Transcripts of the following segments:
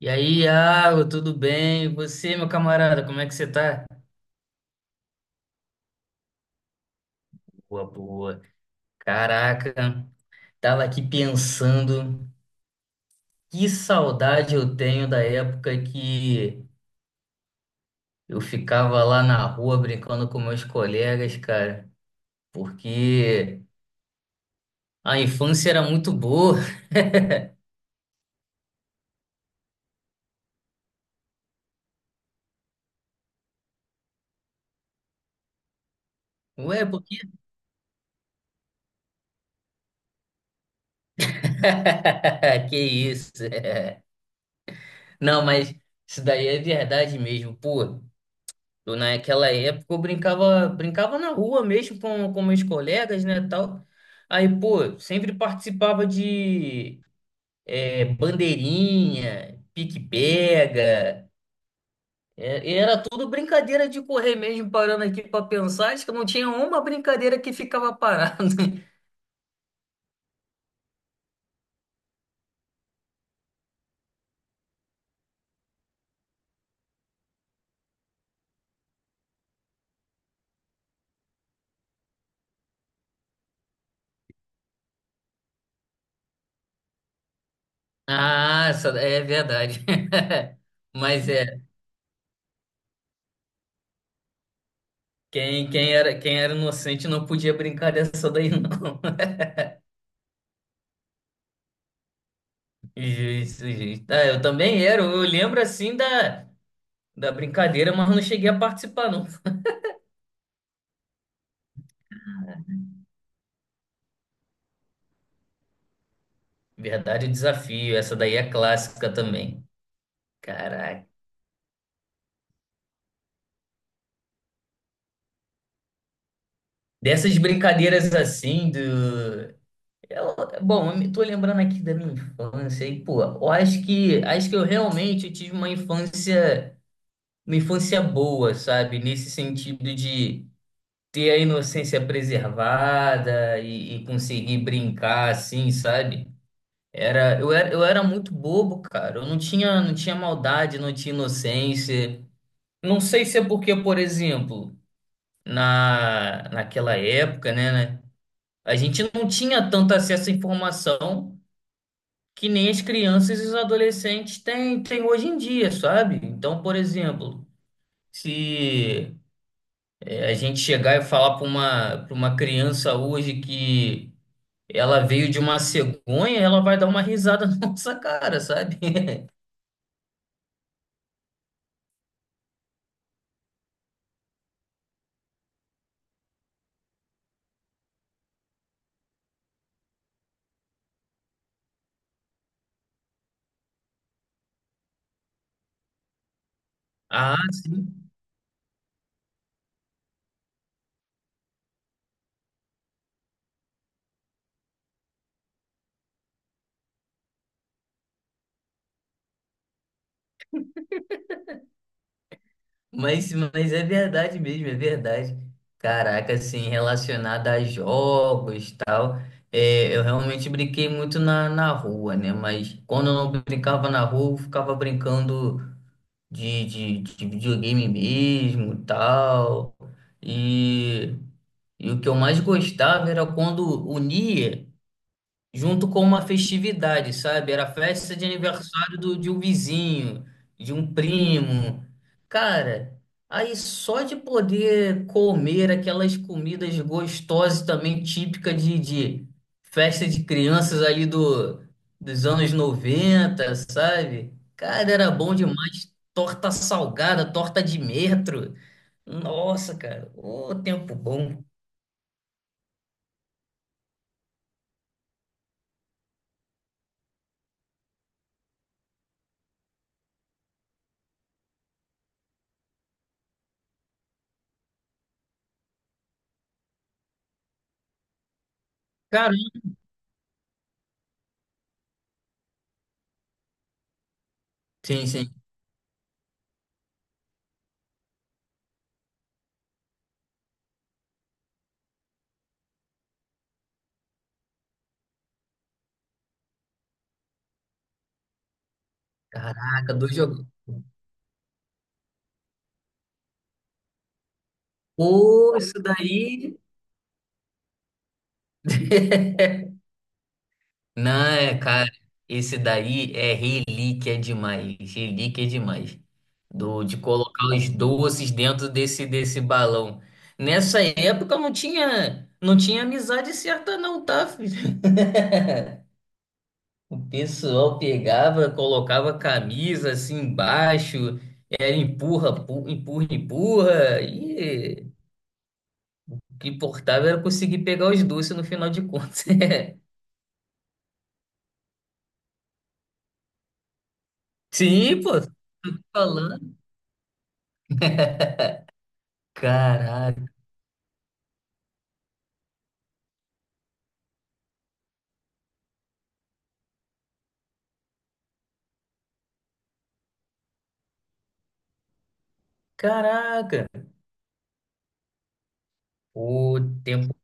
E aí, Iago, tudo bem? E você, meu camarada, como é que você tá? Boa, boa. Caraca, tava aqui pensando, que saudade eu tenho da época que eu ficava lá na rua brincando com meus colegas, cara, porque a infância era muito boa. Ué, por quê? Que isso? Não, mas isso daí é verdade mesmo, pô. Naquela época eu brincava na rua mesmo com meus colegas, né, tal. Aí, pô, sempre participava de bandeirinha, pique-pega. É, e era tudo brincadeira de correr mesmo, parando aqui pra pensar. Acho que não tinha uma brincadeira que ficava parado. Ah, é verdade. Mas é, quem era inocente não podia brincar dessa daí, não. Justo, justo. Ah, eu também era. Eu lembro assim da. Da brincadeira, mas não cheguei a participar, não. Verdade, o desafio. Essa daí é clássica também. Caraca. Dessas brincadeiras assim do. Eu- Bom, eu me tô lembrando aqui da minha infância e, pô, eu acho que eu realmente tive uma infância boa, sabe? Nesse sentido de ter a inocência preservada e conseguir brincar assim, sabe? Eu era muito bobo, cara. Eu não tinha, não tinha maldade, não tinha inocência. Não sei se é porque, por exemplo, naquela época, né, a gente não tinha tanto acesso à informação que nem as crianças e os adolescentes têm hoje em dia, sabe? Então, por exemplo, se é, a gente chegar e falar para uma criança hoje que ela veio de uma cegonha, ela vai dar uma risada na nossa cara, sabe? Ah, sim. Mas é verdade mesmo, é verdade. Caraca, assim, relacionado a jogos e tal, eu realmente brinquei muito na rua, né? Mas quando eu não brincava na rua, eu ficava brincando de videogame mesmo e tal. E, e o que eu mais gostava era quando unia junto com uma festividade, sabe? Era festa de aniversário de um vizinho, de um primo. Cara, aí só de poder comer aquelas comidas gostosas também, típica de festa de crianças ali dos anos 90, sabe? Cara, era bom demais. Torta salgada, torta de metro. Nossa, cara, ô tempo bom. Caramba. Sim, sim. Caraca, dois. Pô, isso daí. Não, é, cara, esse daí é relíquia demais, relíquia demais. De colocar os doces dentro desse balão. Nessa época não tinha amizade certa não, tá, filho? O pessoal pegava, colocava camisa assim embaixo, era empurra, empurra, e o que importava era conseguir pegar os doces no final de contas. Sim, pô, tô falando. Caraca, caraca. O tempo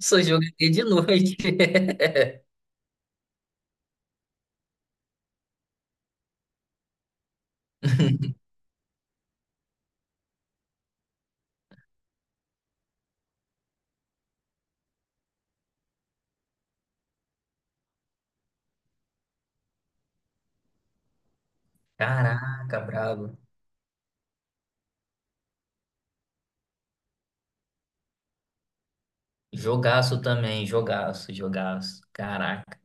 só joguei de noite. Caraca, brabo. Jogaço também, jogaço. Caraca.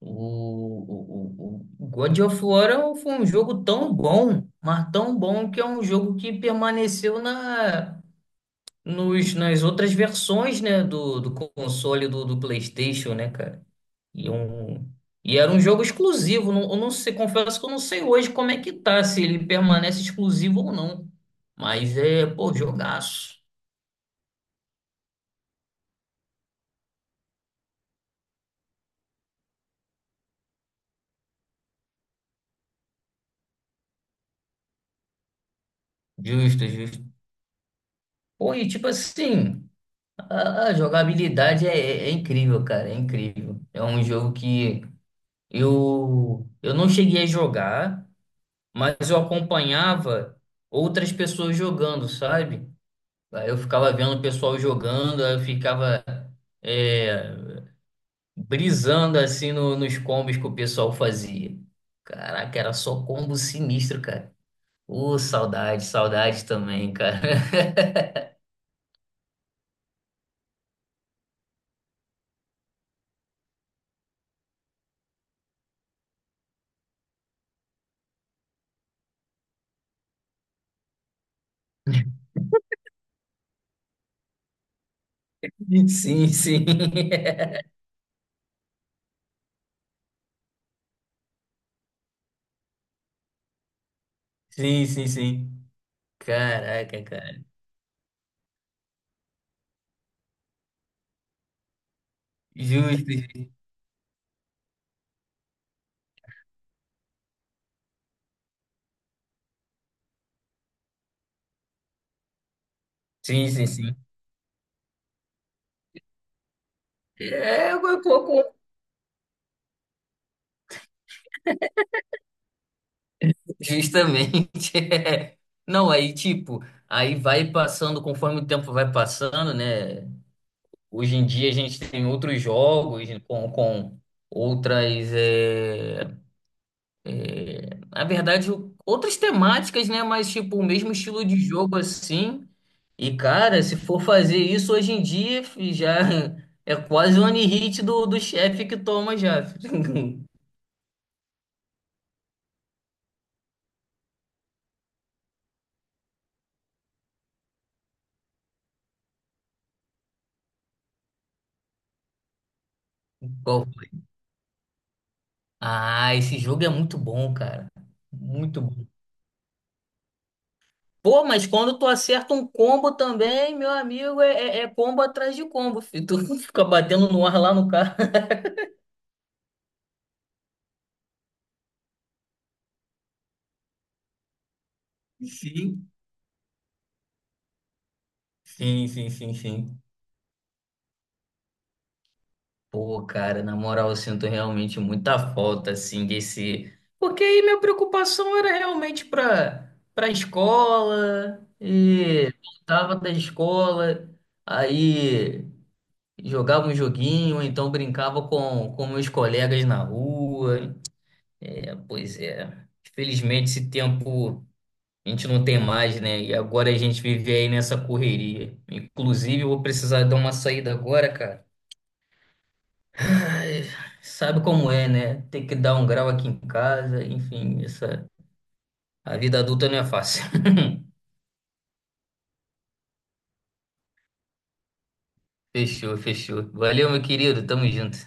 O God of War foi um jogo tão bom, mas tão bom que é um jogo que permaneceu nas outras versões, né, do console do PlayStation, né, cara? E, um, e era um jogo exclusivo. Não, eu não sei, confesso que eu não sei hoje como é que tá, se ele permanece exclusivo ou não. Mas é, pô, jogaço. Justo, justo. Pô, e tipo assim, a jogabilidade é incrível, cara, é incrível. É um jogo que eu não cheguei a jogar, mas eu acompanhava outras pessoas jogando, sabe? Aí eu ficava vendo o pessoal jogando, aí eu ficava é, brisando assim nos combos que o pessoal fazia. Caraca, era só combo sinistro, cara. Ô, saudade, saudade também, cara. Sim, sim. Sim, sim, sim. Caraca, cara. Justo. Sim, sim, sim. É, eu concordo. Justamente. Não, aí, tipo, aí vai passando, conforme o tempo vai passando, né? Hoje em dia a gente tem outros jogos né, com outras. É, é, na verdade, outras temáticas, né? Mas, tipo, o mesmo estilo de jogo assim. E, cara, se for fazer isso hoje em dia, fi, já é quase o one hit do chefe que toma já. Fi. Qual foi? Ah, esse jogo é muito bom, cara. Muito bom. Pô, mas quando tu acerta um combo também, meu amigo, é combo atrás de combo, filho. Tu fica batendo no ar lá no cara. Sim, sim, sim, sim. Pô, cara, na moral, eu sinto realmente muita falta, assim, desse. Porque aí minha preocupação era realmente pra escola, e voltava da escola, aí jogava um joguinho, ou então brincava com meus colegas na rua. É, pois é. Infelizmente, esse tempo a gente não tem mais, né? E agora a gente vive aí nessa correria. Inclusive, eu vou precisar dar uma saída agora, cara. É, sabe como é, né? Tem que dar um grau aqui em casa, enfim, essa... a vida adulta não é fácil. Fechou, fechou. Valeu, meu querido, tamo junto.